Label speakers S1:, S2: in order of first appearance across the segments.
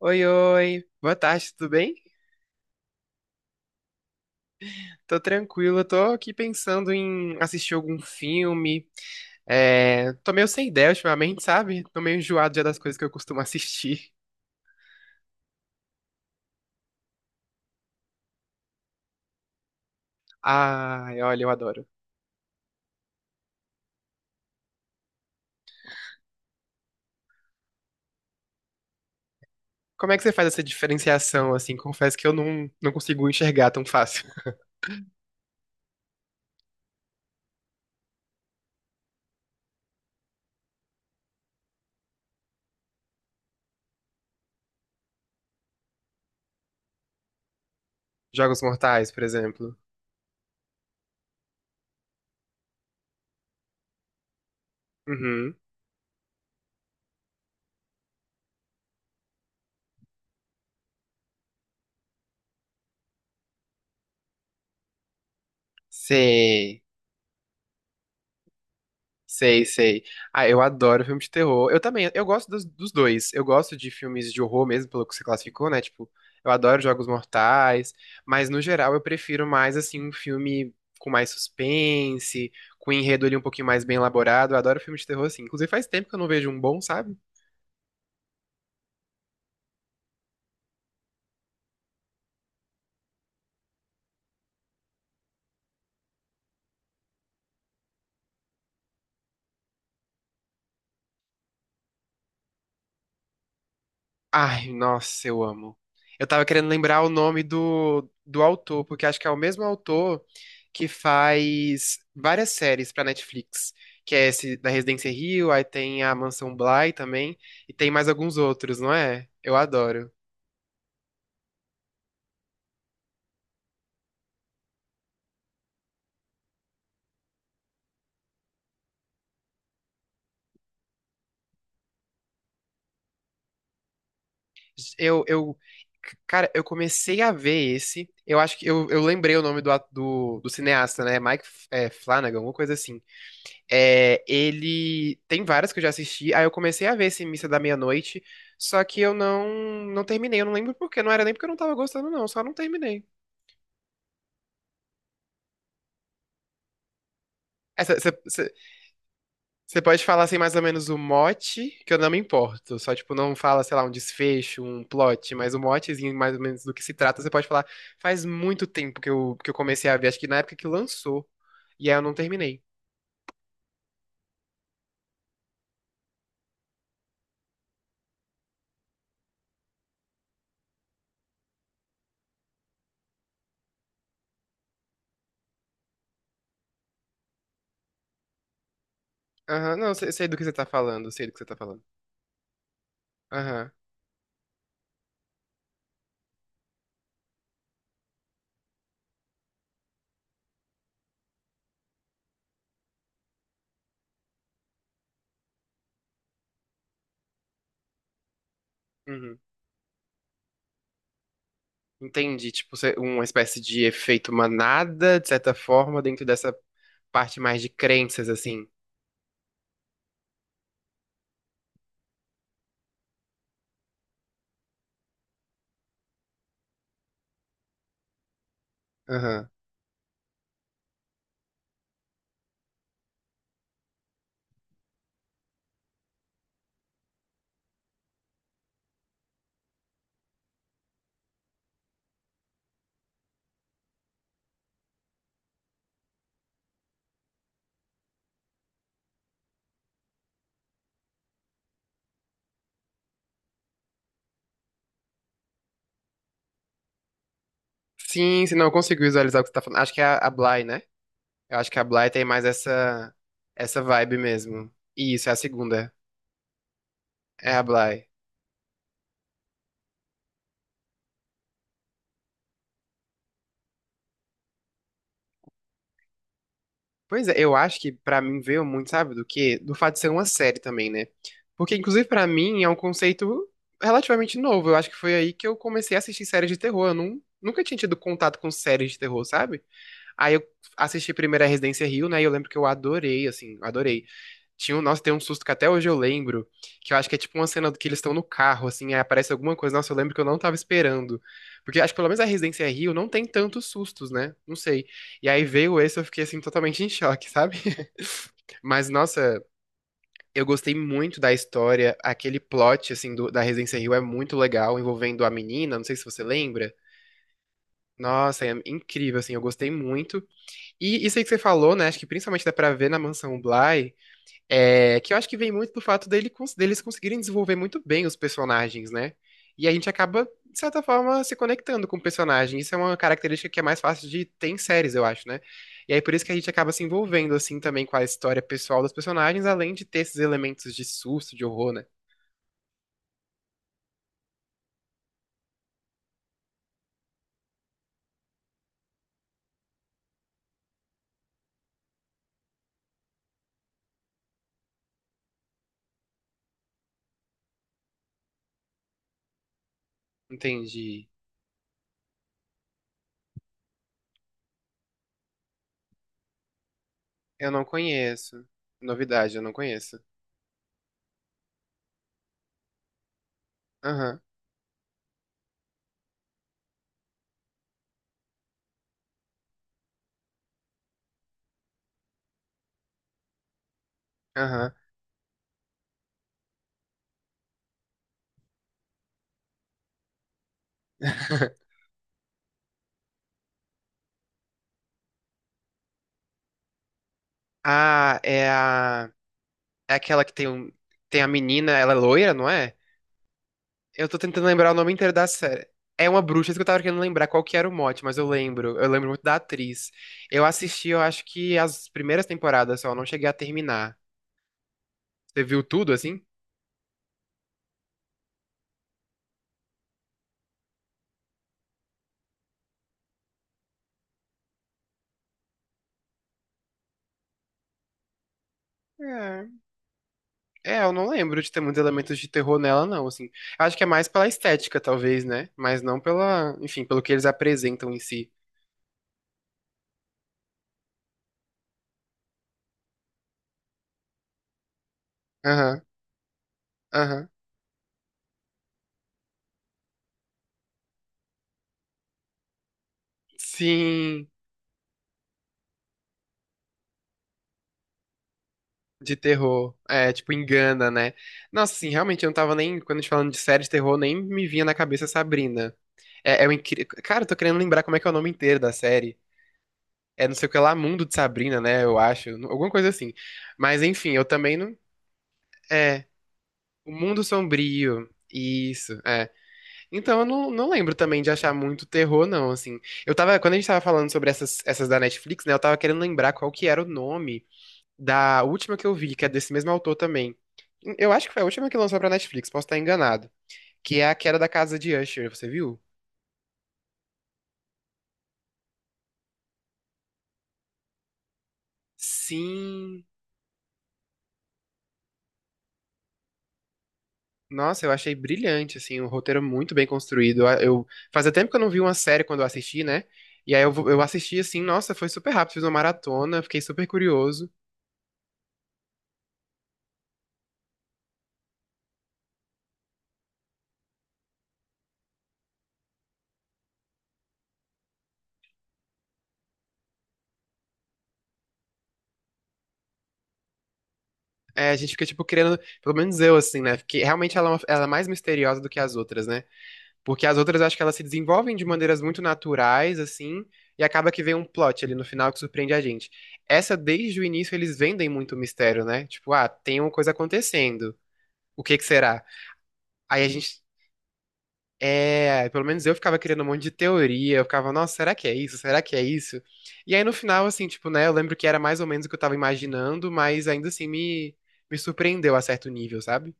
S1: Oi, oi. Boa tarde, tudo bem? Tô tranquilo, tô aqui pensando em assistir algum filme. É, tô meio sem ideia ultimamente, sabe? Tô meio enjoado já das coisas que eu costumo assistir. Ai, olha, eu adoro. Como é que você faz essa diferenciação, assim? Confesso que eu não consigo enxergar tão fácil. Jogos Mortais, por exemplo. Uhum. Sei. Sei, sei. Ah, eu adoro filme de terror. Eu também, eu gosto dos dois. Eu gosto de filmes de horror mesmo, pelo que você classificou, né? Tipo, eu adoro Jogos Mortais, mas no geral eu prefiro mais, assim, um filme com mais suspense, com enredo ali um pouquinho mais bem elaborado. Eu adoro filme de terror, assim. Inclusive faz tempo que eu não vejo um bom, sabe? Ai, nossa, eu amo. Eu tava querendo lembrar o nome do autor, porque acho que é o mesmo autor que faz várias séries pra Netflix, que é esse da Residência Rio, aí tem a Mansão Bly também, e tem mais alguns outros, não é? Eu adoro. Eu, eu, Cara, eu comecei a ver esse, eu acho que eu lembrei o nome do cineasta, né? Mike, Flanagan, alguma coisa assim. É, ele tem várias que eu já assisti, aí eu comecei a ver esse Missa da Meia-Noite, só que eu não terminei, eu não lembro por quê, não era nem porque eu não tava gostando, não, só não terminei. Você pode falar assim mais ou menos o mote, que eu não me importo, só tipo, não fala, sei lá, um desfecho, um plot, mas o motezinho mais ou menos do que se trata, você pode falar, faz muito tempo que eu comecei a ver, acho que na época que lançou, e aí eu não terminei. Aham, não, sei sei do que você tá falando, sei do que você tá falando. Aham, uhum. Entendi, tipo, uma espécie de efeito manada, de certa forma, dentro dessa parte mais de crenças, assim. Aham. Sim, se não, eu consigo visualizar o que você tá falando. Acho que é a Bly, né? Eu acho que a Bly tem mais essa vibe mesmo. Isso, é a segunda. É a Bly. Pois é, eu acho que pra mim veio muito, sabe, do quê? Do fato de ser uma série também, né? Porque, inclusive, pra mim é um conceito relativamente novo. Eu acho que foi aí que eu comecei a assistir séries de terror. Eu nunca tinha tido contato com séries de terror, sabe? Aí eu assisti primeiro a Residência Rio, né? E eu lembro que eu adorei, assim, adorei. Tinha um, nossa, tem um susto que até hoje eu lembro, que eu acho que é tipo uma cena que eles estão no carro, assim, aí aparece alguma coisa. Nossa, eu lembro que eu não tava esperando. Porque acho que pelo menos a Residência Rio não tem tantos sustos, né? Não sei. E aí veio esse, eu fiquei, assim, totalmente em choque, sabe? Mas, nossa, eu gostei muito da história. Aquele plot, assim, da Residência Rio é muito legal, envolvendo a menina, não sei se você lembra. Nossa, é incrível, assim, eu gostei muito. E isso aí que você falou, né? Acho que principalmente dá pra ver na Mansão Bly, é, que eu acho que vem muito do fato dele, deles conseguirem desenvolver muito bem os personagens, né? E a gente acaba, de certa forma, se conectando com o personagem. Isso é uma característica que é mais fácil de ter em séries, eu acho, né? E aí por isso que a gente acaba se envolvendo, assim, também com a história pessoal dos personagens, além de ter esses elementos de susto, de horror, né? Entendi. Eu não conheço. Novidade, eu não conheço. Aham, aham. Ah, é a. É aquela que tem, um, tem a menina, ela é loira, não é? Eu tô tentando lembrar o nome inteiro da série. É uma bruxa, isso que eu tava querendo lembrar qual que era o mote, mas eu lembro. Eu lembro muito da atriz. Eu assisti, eu acho que as primeiras temporadas só, eu não cheguei a terminar. Você viu tudo, assim? É, eu não lembro de ter muitos elementos de terror nela, não, assim. Eu acho que é mais pela estética, talvez, né? Mas não pela, enfim, pelo que eles apresentam em si. Aham, aham. Sim. De terror. É, tipo, engana, né? Nossa, assim, realmente eu não tava nem. Quando a gente falando de série de terror, nem me vinha na cabeça Sabrina. É, é um incrível. Cara, eu tô querendo lembrar como é que é o nome inteiro da série. É não sei o que lá, Mundo de Sabrina, né? Eu acho. Alguma coisa assim. Mas enfim, eu também não. É. O Mundo Sombrio. Isso, é. Então eu não lembro também de achar muito terror, não, assim. Eu tava. Quando a gente tava falando sobre essas da Netflix, né? Eu tava querendo lembrar qual que era o nome. Da última que eu vi, que é desse mesmo autor também. Eu acho que foi a última que lançou pra Netflix, posso estar enganado. Que é A Queda da Casa de Usher, você viu? Sim. Nossa, eu achei brilhante, assim, um roteiro muito bem construído. Fazia tempo que eu não vi uma série quando eu assisti, né? E aí eu assisti assim, nossa, foi super rápido, fiz uma maratona, fiquei super curioso. É, a gente fica, tipo, querendo, pelo menos eu, assim, né? Porque realmente ela, ela é mais misteriosa do que as outras, né? Porque as outras eu acho que elas se desenvolvem de maneiras muito naturais, assim, e acaba que vem um plot ali no final que surpreende a gente. Essa, desde o início, eles vendem muito mistério, né? Tipo, ah, tem uma coisa acontecendo. O que que será? Aí a gente. É, pelo menos eu ficava criando um monte de teoria, eu ficava, nossa, será que é isso? Será que é isso? E aí no final, assim, tipo, né, eu lembro que era mais ou menos o que eu tava imaginando, mas ainda assim me surpreendeu a certo nível, sabe?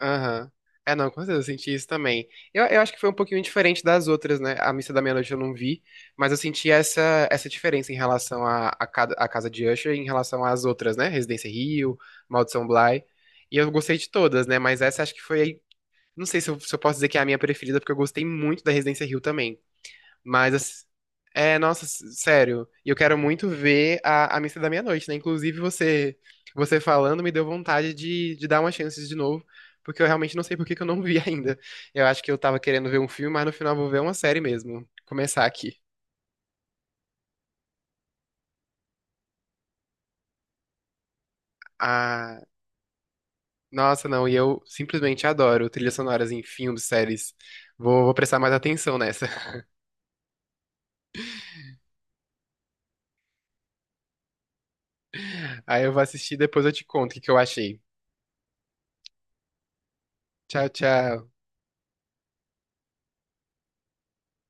S1: Aham. É, não, com certeza eu senti isso também. Eu acho que foi um pouquinho diferente das outras, né? A Missa da Meia-Noite eu não vi, mas eu senti essa diferença em relação a Casa de Usher e em relação às outras, né? Residência Rio, Maldição Bly. E eu gostei de todas, né? Mas essa acho que foi. Não sei se eu posso dizer que é a minha preferida, porque eu gostei muito da Residência Rio também. Mas, ass- é, nossa, sério. E eu quero muito ver a Missa da Meia-Noite, né? Inclusive, você falando me deu vontade de dar uma chance de novo, porque eu realmente não sei por que que eu não vi ainda. Eu acho que eu tava querendo ver um filme, mas no final eu vou ver uma série mesmo. Começar aqui. Ah, nossa, não, e eu simplesmente adoro trilhas sonoras em filmes, séries. Vou prestar mais atenção nessa. Aí eu vou assistir e depois eu te conto o que que eu achei. Tchau, tchau.